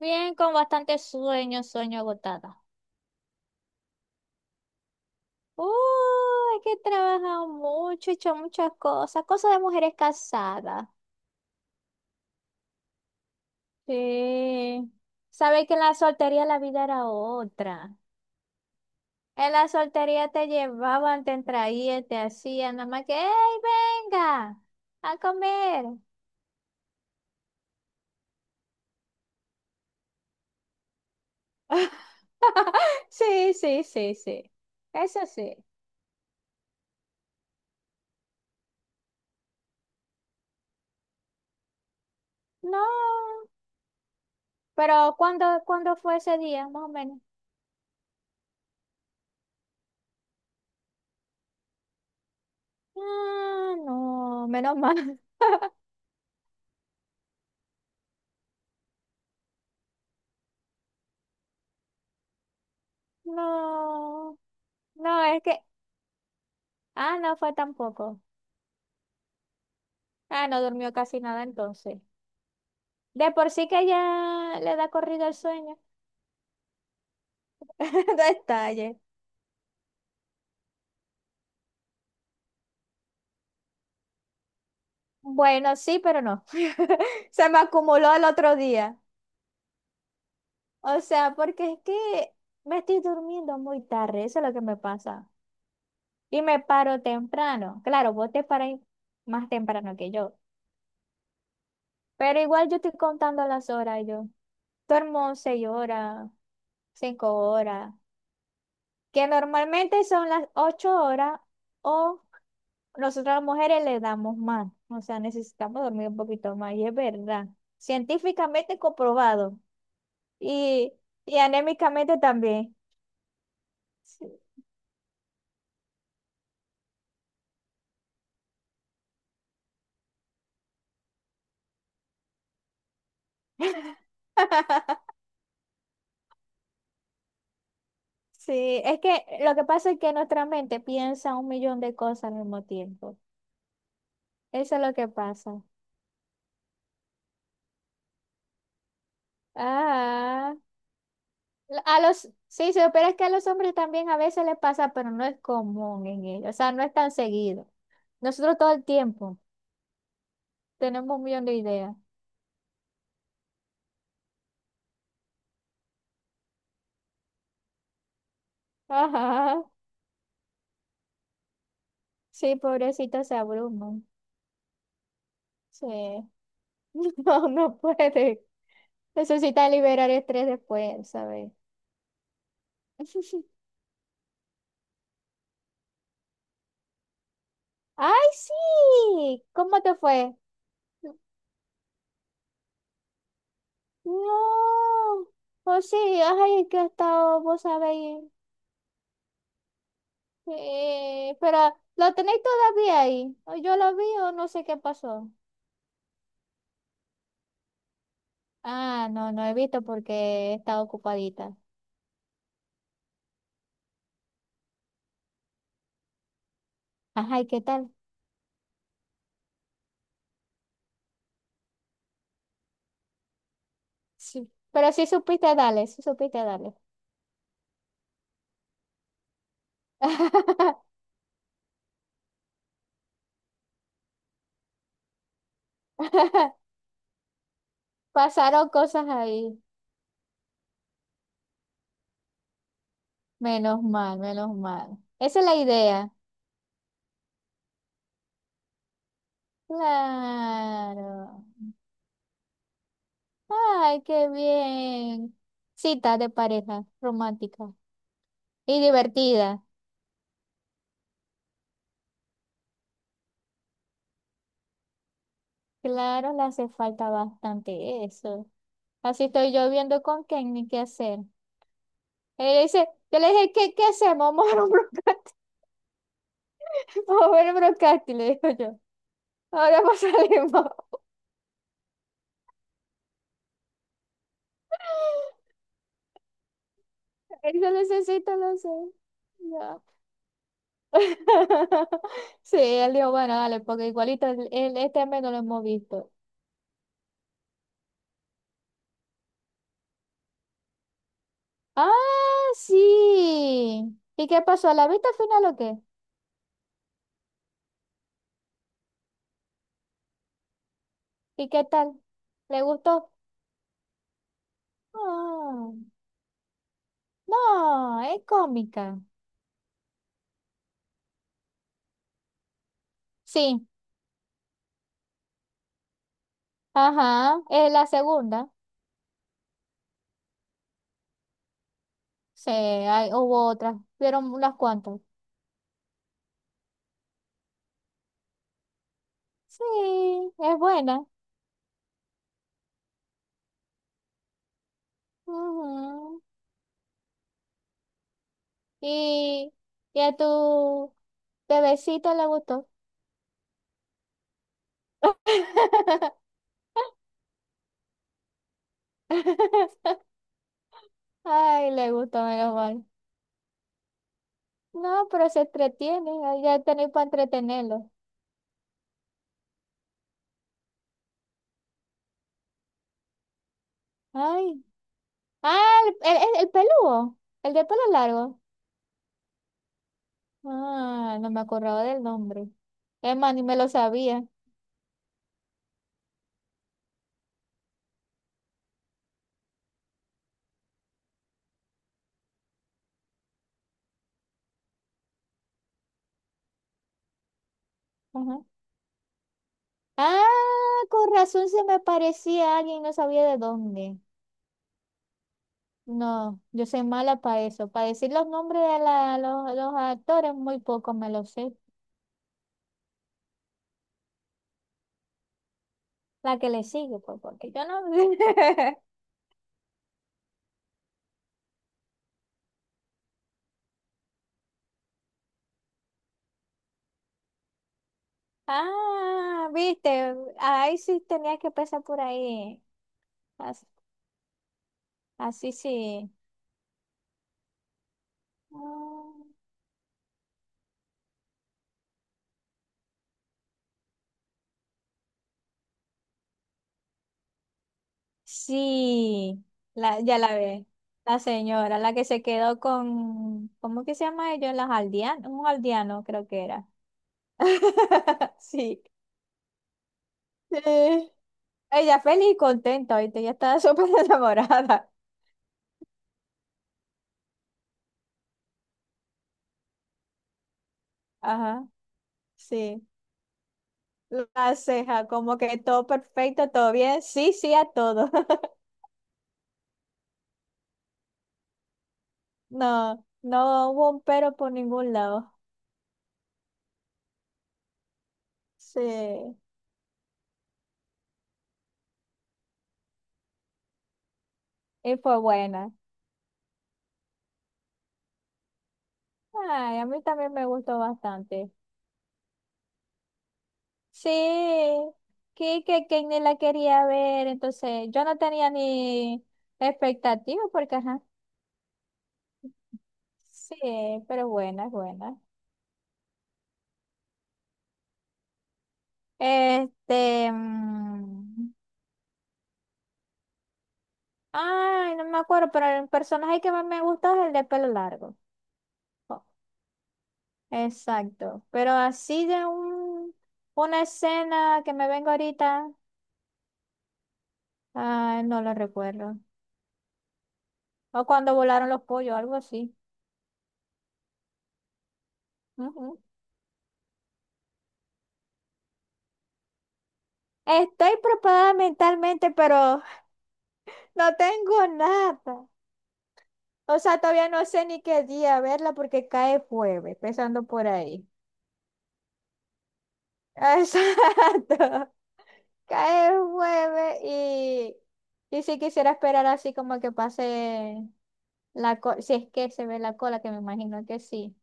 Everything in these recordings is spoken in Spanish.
Bien, con bastante sueño, sueño agotada. Uy, es que he trabajado mucho, he hecho muchas cosas, cosas de mujeres casadas. Sí. Sabes que en la soltería la vida era otra. En la soltería te llevaban, te traían, te hacían, nada más que, ¡hey, venga! A comer. Sí, sí, sí, sí. Eso sí. No. Pero ¿cuándo, cuándo fue ese día, más o menos? Ah, no, menos mal. No. No, no fue tampoco. Ah, no durmió casi nada entonces. De por sí que ya le da corrido el sueño. Detalle. Bueno, sí, pero no. Se me acumuló al otro día. O sea, porque es que me estoy durmiendo muy tarde, eso es lo que me pasa. Y me paro temprano. Claro, vos te paráis más temprano que yo. Pero igual yo estoy contando las horas yo. Duermo seis horas, cinco horas, que normalmente son las ocho horas o nosotras las mujeres le damos más, o sea, necesitamos dormir un poquito más, y es verdad. Científicamente comprobado y, y anémicamente también. Sí. Sí, es que lo que pasa es que nuestra mente piensa un millón de cosas al mismo tiempo. Eso es lo que pasa. Ah, a los, sí, sí, pero es que a los hombres también a veces les pasa, pero no es común en ellos, o sea, no es tan seguido. Nosotros todo el tiempo tenemos un millón de ideas. Ajá. Sí, pobrecito se abruma. Sí. No, no puede. Necesita liberar estrés después, ¿sabes? ¡Ay, sí! ¿Cómo te fue? No. Oh, sí, ay, que he estado, vos sabéis. Pero, ¿lo tenéis todavía ahí? ¿O yo lo vi o no sé qué pasó? Ah, no, no he visto porque he estado ocupadita. Ajá, ¿y qué tal? Sí. Pero sí supiste darle, sí supiste darle. Pasaron cosas ahí. Menos mal, menos mal. Esa es la idea. Claro. Ay, qué bien. Cita de pareja romántica y divertida. Claro, le hace falta bastante eso. Así estoy yo viendo con Kenny qué hacer. Él dice, yo le dije, ¿qué hacemos? Vamos a ver un brocante. Vamos a ver un brocante, le digo yo. Ahora pues salimos. Él dice, necesito, no sé. Sí, él dijo, bueno, dale, porque igualito el este mes no lo hemos visto. Ah, sí. ¿Y qué pasó? ¿La viste al final o qué? ¿Y qué tal? ¿Le gustó? Ah, no, es cómica. Sí, ajá, es la segunda. Sí, hubo otras, vieron unas cuantas. Sí, es buena. Ujú. ¿Y, y a tu bebecito le gustó? Ay, le gustó, menos mal. No, pero se entretiene, ahí ya tenéis para entretenerlo. Ay, ah, el peludo, el de pelo largo. Ah, no me acordaba del nombre. Es más, ni me lo sabía. Ajá. Ah, con razón se me parecía a alguien, no sabía de dónde. No, yo soy mala para eso. Para decir los nombres de los actores, muy poco me lo sé. La que le sigue, pues, porque yo no. Ah, viste, ahí sí tenía que pasar por ahí. As- Así, sí. Ah, sí, la, ya la ve. La señora, la que se quedó con, ¿cómo que se llama ellos? Los aldeanos, un aldeano creo que era. Sí. Sí. Ella feliz y contenta, ¿viste? Ella estaba súper enamorada. Ajá, sí. La ceja, como que todo perfecto, todo bien. Sí, sí a todo. No, no hubo un pero por ningún lado. Sí, y fue buena. Ay, a mí también me gustó bastante. Sí, que ni la quería ver, entonces yo no tenía ni expectativa porque, ajá, sí, pero buena, buena. Este, mm, ay, no me acuerdo, pero el personaje que más me gusta es el de pelo largo. Oh, exacto, pero así de un, una escena que me vengo ahorita. Ay, no lo recuerdo. O cuando volaron los pollos, algo así. Ujú. Estoy preparada mentalmente, pero no tengo nada. O sea, todavía no sé ni qué día verla porque cae jueves, empezando por ahí. Exacto. Cae jueves y sí quisiera esperar así como que pase la cola, si es que se ve la cola, que me imagino que sí.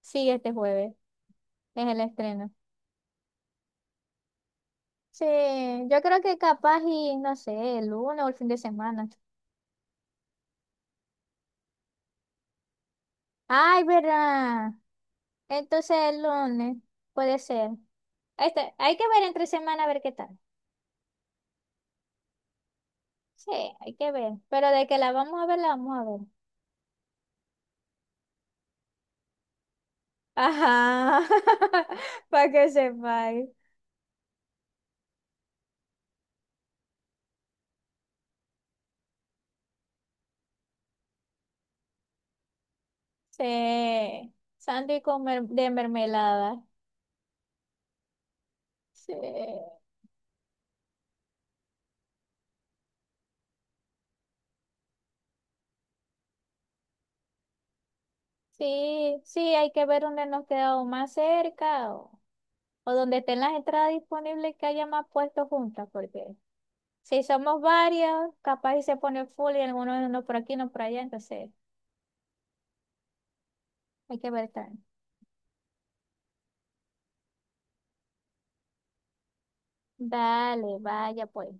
Sí, este jueves es el estreno. Sí, yo creo que capaz y no sé, el lunes o el fin de semana. Ay, ¿verdad? Entonces el lunes puede ser. Este, hay que ver entre semana a ver qué tal. Sí, hay que ver. Pero de que la vamos a ver, la vamos a ver. Ajá. Para que sepáis. Sí. Sandy con de mermelada. Sí. Sí, sí, hay que ver dónde nos quedamos más cerca o donde estén las entradas disponibles que haya más puestos juntas, porque si somos varios, capaz y se pone full y algunos no por aquí, no por allá, entonces hay que ver también. Dale, vaya pues.